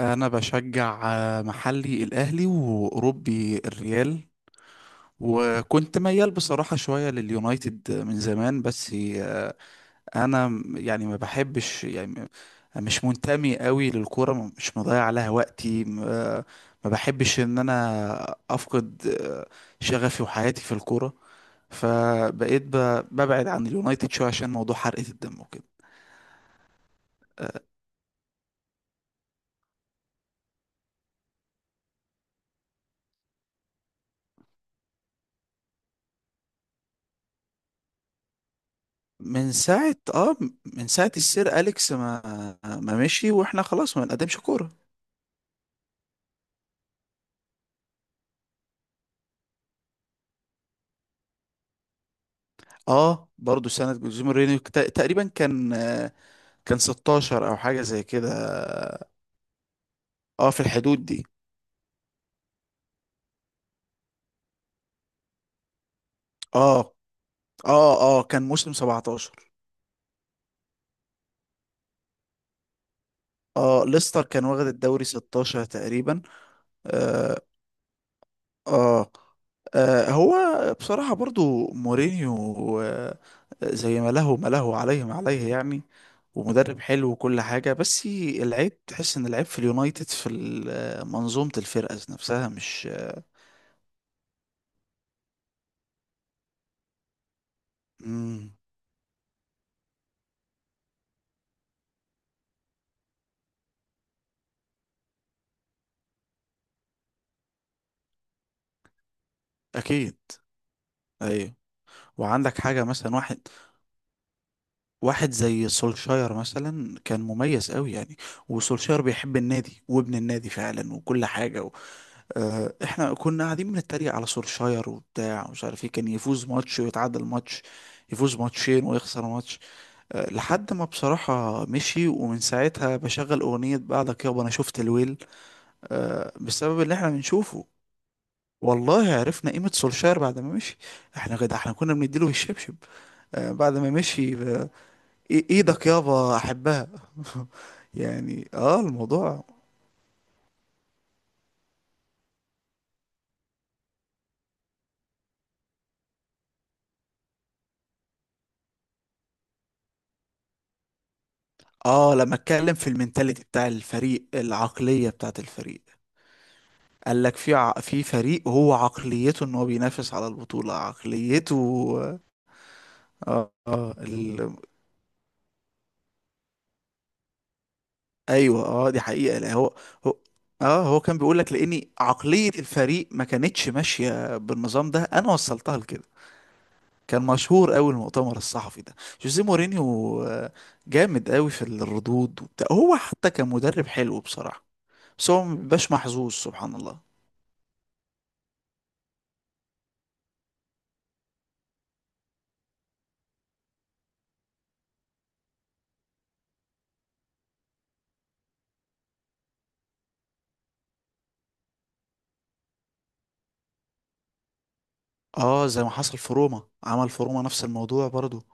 انا بشجع محلي الاهلي واوروبي الريال. وكنت ميال بصراحة شوية لليونايتد من زمان، بس انا يعني ما بحبش، مش منتمي قوي للكورة، مش مضيع عليها وقتي، ما بحبش ان انا افقد شغفي وحياتي في الكورة. فبقيت ببعد عن اليونايتد شوية عشان موضوع حرقة الدم وكده. من ساعة اه من ساعة السير أليكس ما مشي، واحنا خلاص ما بنقدمش كورة. اه، برضو سنة جوزيه مورينيو تقريبا كان 16 او حاجة زي كده. اه، في الحدود دي. اه اه، كان موسم 17. اه، ليستر كان واخد الدوري 16 تقريبا. آه اه هو بصراحة برضو مورينيو زي ما له، ما له عليه، ما عليه يعني. ومدرب حلو وكل حاجة، بس العيب تحس ان العيب في اليونايتد في منظومة الفرقة نفسها مش... مم. اكيد. ايوه. وعندك حاجة، مثلا واحد زي سولشاير مثلا كان مميز قوي يعني. وسولشاير بيحب النادي وابن النادي فعلا وكل حاجة. احنا كنا قاعدين بنتريق على سولشاير وبتاع ومش عارف ايه. كان يفوز ماتش ويتعادل ماتش، يفوز ماتشين ويخسر ماتش، لحد ما بصراحة مشي. ومن ساعتها بشغل أغنية بعدك يابا أنا شفت الويل، بسبب اللي احنا بنشوفه. والله عرفنا قيمة سولشاير بعد ما مشي. احنا كنا بنديله بالشبشب. بعد ما مشي. ايدك يابا احبها. يعني اه، الموضوع. اه، لما اتكلم في المينتاليتي بتاع الفريق، العقلية بتاعت الفريق، قال لك في فريق هو عقليته ان هو بينافس على البطولة. عقليته. اه اه ال... ايوه. اه، دي حقيقة. لا هو. هو. اه، هو كان بيقول لك لاني عقلية الفريق ما كانتش ماشية بالنظام ده، انا وصلتها لكده. كان مشهور قوي المؤتمر الصحفي ده. جوزيه مورينيو جامد قوي في الردود وبتاع. هو حتى كان مدرب حلو بصراحة، بس هو مبيبقاش محظوظ سبحان الله. اه، زي ما حصل في روما، عمل في روما نفس الموضوع برضو.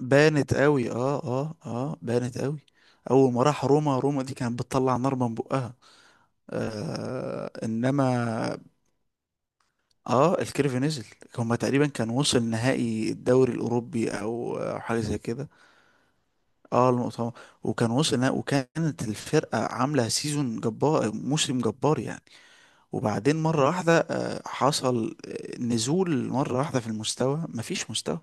بانت قوي، بانت قوي. اول ما راح روما، دي كانت بتطلع نار من بقها. آه، انما... اه، الكيرف نزل. هما تقريبا كان وصل نهائي الدوري الاوروبي، او حاجه زي كده. اه، المؤتمر. وكان وصل نهائي، وكانت الفرقه عامله سيزون جبار، موسم جبار يعني. وبعدين مره واحده آه، حصل نزول مره واحده في المستوى، مفيش مستوى.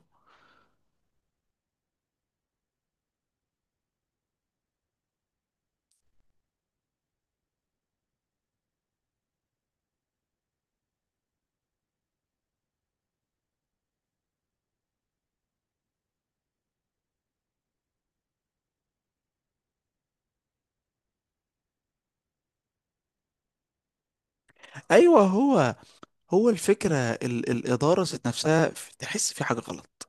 ايوه هو. هو الفكرة الإدارة ذات نفسها، تحس في حاجة غلط.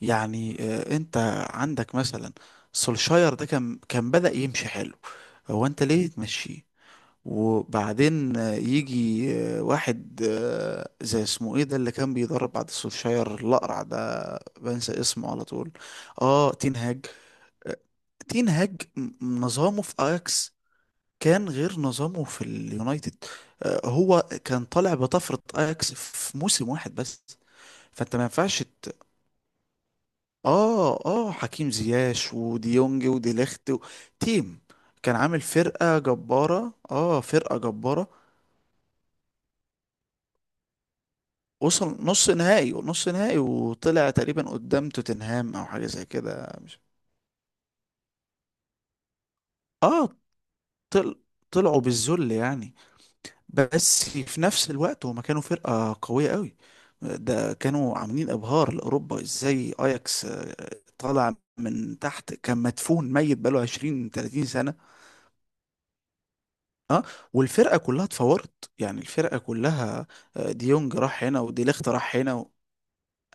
يعني أنت عندك مثلا سولشاير ده كان بدأ يمشي حلو. هو أنت ليه تمشيه؟ وبعدين يجي واحد زي اسمه ايه ده اللي كان بيدرب بعد سولشاير، الأقرع ده، بنسى اسمه على طول. اه، تين هاج. آه، تين هاج نظامه في اياكس كان غير نظامه في اليونايتد. هو كان طالع بطفرة اياكس في موسم واحد بس. فانت ما ينفعش ت... اه، حكيم زياش وديونج وديليخت و... تيم. كان عامل فرقة جبارة، اه، فرقة جبارة. وصل نص نهائي، وطلع تقريبا قدام توتنهام او حاجة زي كده، مش... اه طل... طلعوا بالذل يعني. بس في نفس الوقت هما كانوا فرقة قوية قوي. ده كانوا عاملين ابهار لاوروبا ازاي. اياكس طالع من تحت، كان مدفون ميت بقاله 20 30 سنة. اه، والفرقة كلها اتفورت، يعني الفرقة كلها. ديونج راح هنا وديليخت راح هنا و...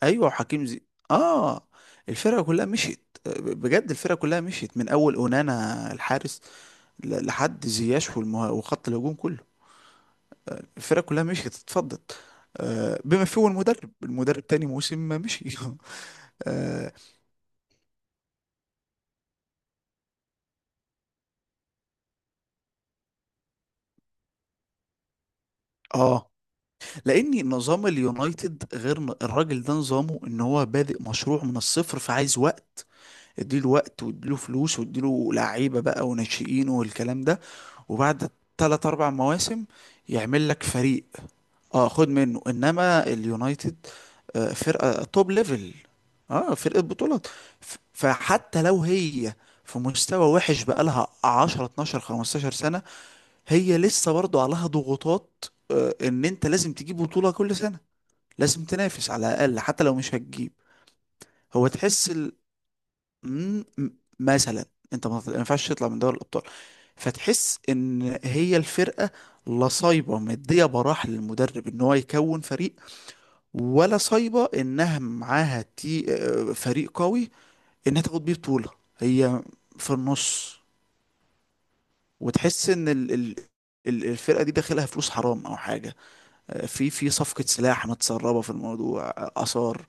ايوه وحكيم زي... اه، الفرقة كلها مشيت. بجد الفرقة كلها مشيت، من اول اونانا الحارس لحد زياش والمه... وخط الهجوم كله. الفرق كلها مشيت، اتفضت بما فيه المدرب. المدرب تاني موسم ما مشي. اه. آه. لان نظام اليونايتد غير. الراجل ده نظامه ان هو بادئ مشروع من الصفر، فعايز وقت. اديله وقت، واديله فلوس، واديله لعيبه بقى وناشئين والكلام ده. وبعد ثلاث اربع مواسم يعمل لك فريق. اه، خد منه، انما اليونايتد فرقه توب ليفل. اه، فرقه بطولات. فحتى لو هي في مستوى وحش بقالها 10 12 15 سنه، هي لسه برضو عليها ضغوطات ان انت لازم تجيب بطوله كل سنه. لازم تنافس على الاقل حتى لو مش هتجيب. هو تحس مم، م- مثلا انت ما ينفعش تطلع من دوري الابطال. فتحس ان هي الفرقه لصايبه مديه براح للمدرب ان هو يكون فريق، ولا صايبة انها معاها تي آه، فريق قوي، انها تاخد بيه بطولة. هي في النص. وتحس ان الفرقة دي داخلها فلوس حرام او حاجة في صفقة سلاح متسربة في الموضوع آثار.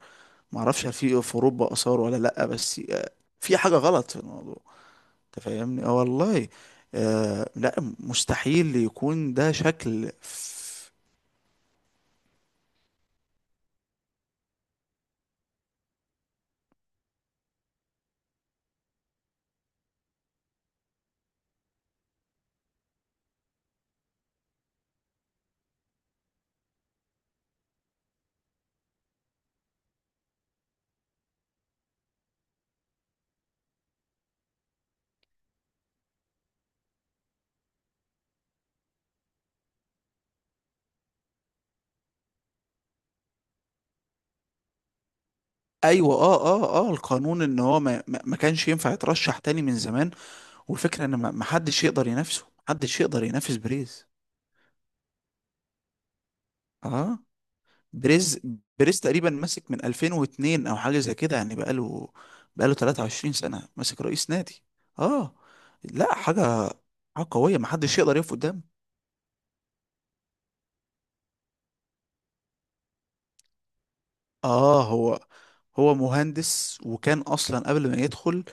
معرفش هل في اوروبا آثار ولا لأ، بس في حاجة غلط في الموضوع. انت فاهمني؟ اه والله. لا، مستحيل يكون ده شكل ايوه. اه القانون ان هو ما كانش ينفع يترشح تاني من زمان. والفكرة ان ما حدش يقدر ينافسه، ما حدش يقدر ينافس بريز. اه، بريز بريز تقريبا ماسك من 2002 او حاجة زي كده، يعني بقاله 23 سنة ماسك رئيس نادي. اه، لا، حاجة. حاجة قوية، ما حدش يقدر يقف قدامه. اه، هو مهندس، وكان اصلا قبل ما يدخل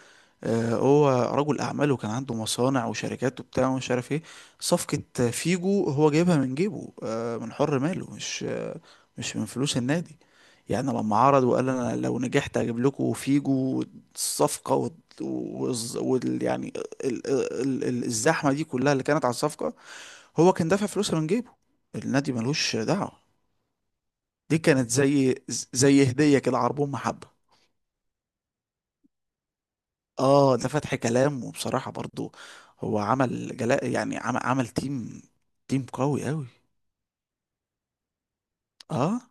هو رجل اعمال وكان عنده مصانع وشركات وبتاع ومش عارف ايه. صفقة فيجو هو جايبها من جيبه من حر ماله، مش مش من فلوس النادي. يعني لما عرض وقال انا لو نجحت اجيب لكم فيجو، الصفقة وال والز- وال- يعني ال- ال- ال- الزحمة دي كلها اللي كانت على الصفقة، هو كان دافع فلوسها من جيبه. النادي ملوش دعوة. دي كانت زي هدية كده، عربون محبة. اه، ده فتح كلام. وبصراحة برضو هو عمل جلاء، يعني عمل تيم. تيم قوي قوي. اه،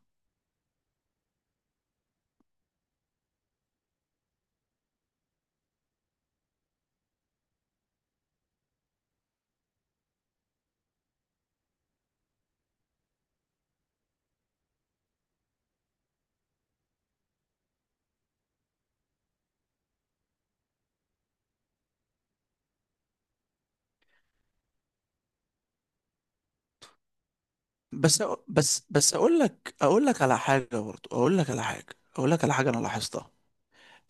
بس بس اقول لك على حاجة برضو. اقول لك على حاجة. اقول لك على حاجة انا لاحظتها.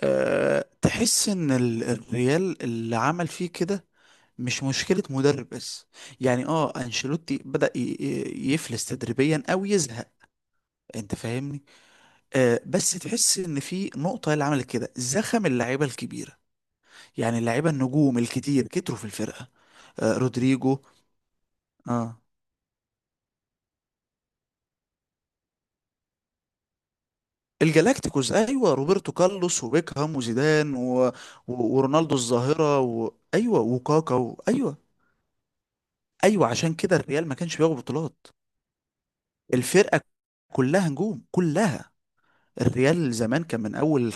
أه، تحس ان الريال اللي عمل فيه كده مش مشكلة مدرب بس. يعني اه، انشيلوتي بدأ يفلس تدريبيا او يزهق. انت فاهمني؟ أه، بس تحس ان في نقطة اللي عملت كده، زخم اللعيبة الكبيرة يعني. اللعيبه النجوم الكتير كتروا في الفرقه. آه، رودريجو. اه، الجالاكتيكوس. ايوه، روبرتو كارلوس وبيكهام وزيدان و... و... ورونالدو الظاهره و... ايوه، وكاكا و... ايوه. ايوه، عشان كده الريال ما كانش بياخد بطولات. الفرقه كلها نجوم، كلها. الريال زمان كان من اول.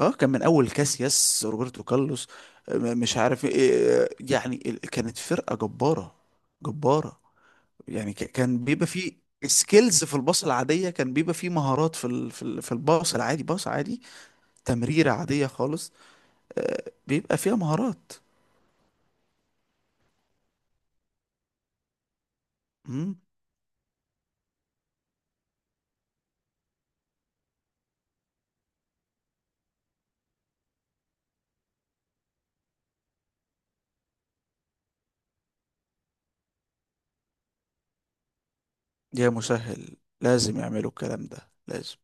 كاسياس، روبرتو كارلوس مش عارف إيه. يعني كانت فرقه جباره، جباره. يعني كان بيبقى فيه سكيلز في الباص العادية. كان بيبقى فيه مهارات في الباص العادي. باص عادي، تمريرة عادية خالص بيبقى فيها مهارات. امم. يا مسهل، لازم يعملوا الكلام ده، لازم.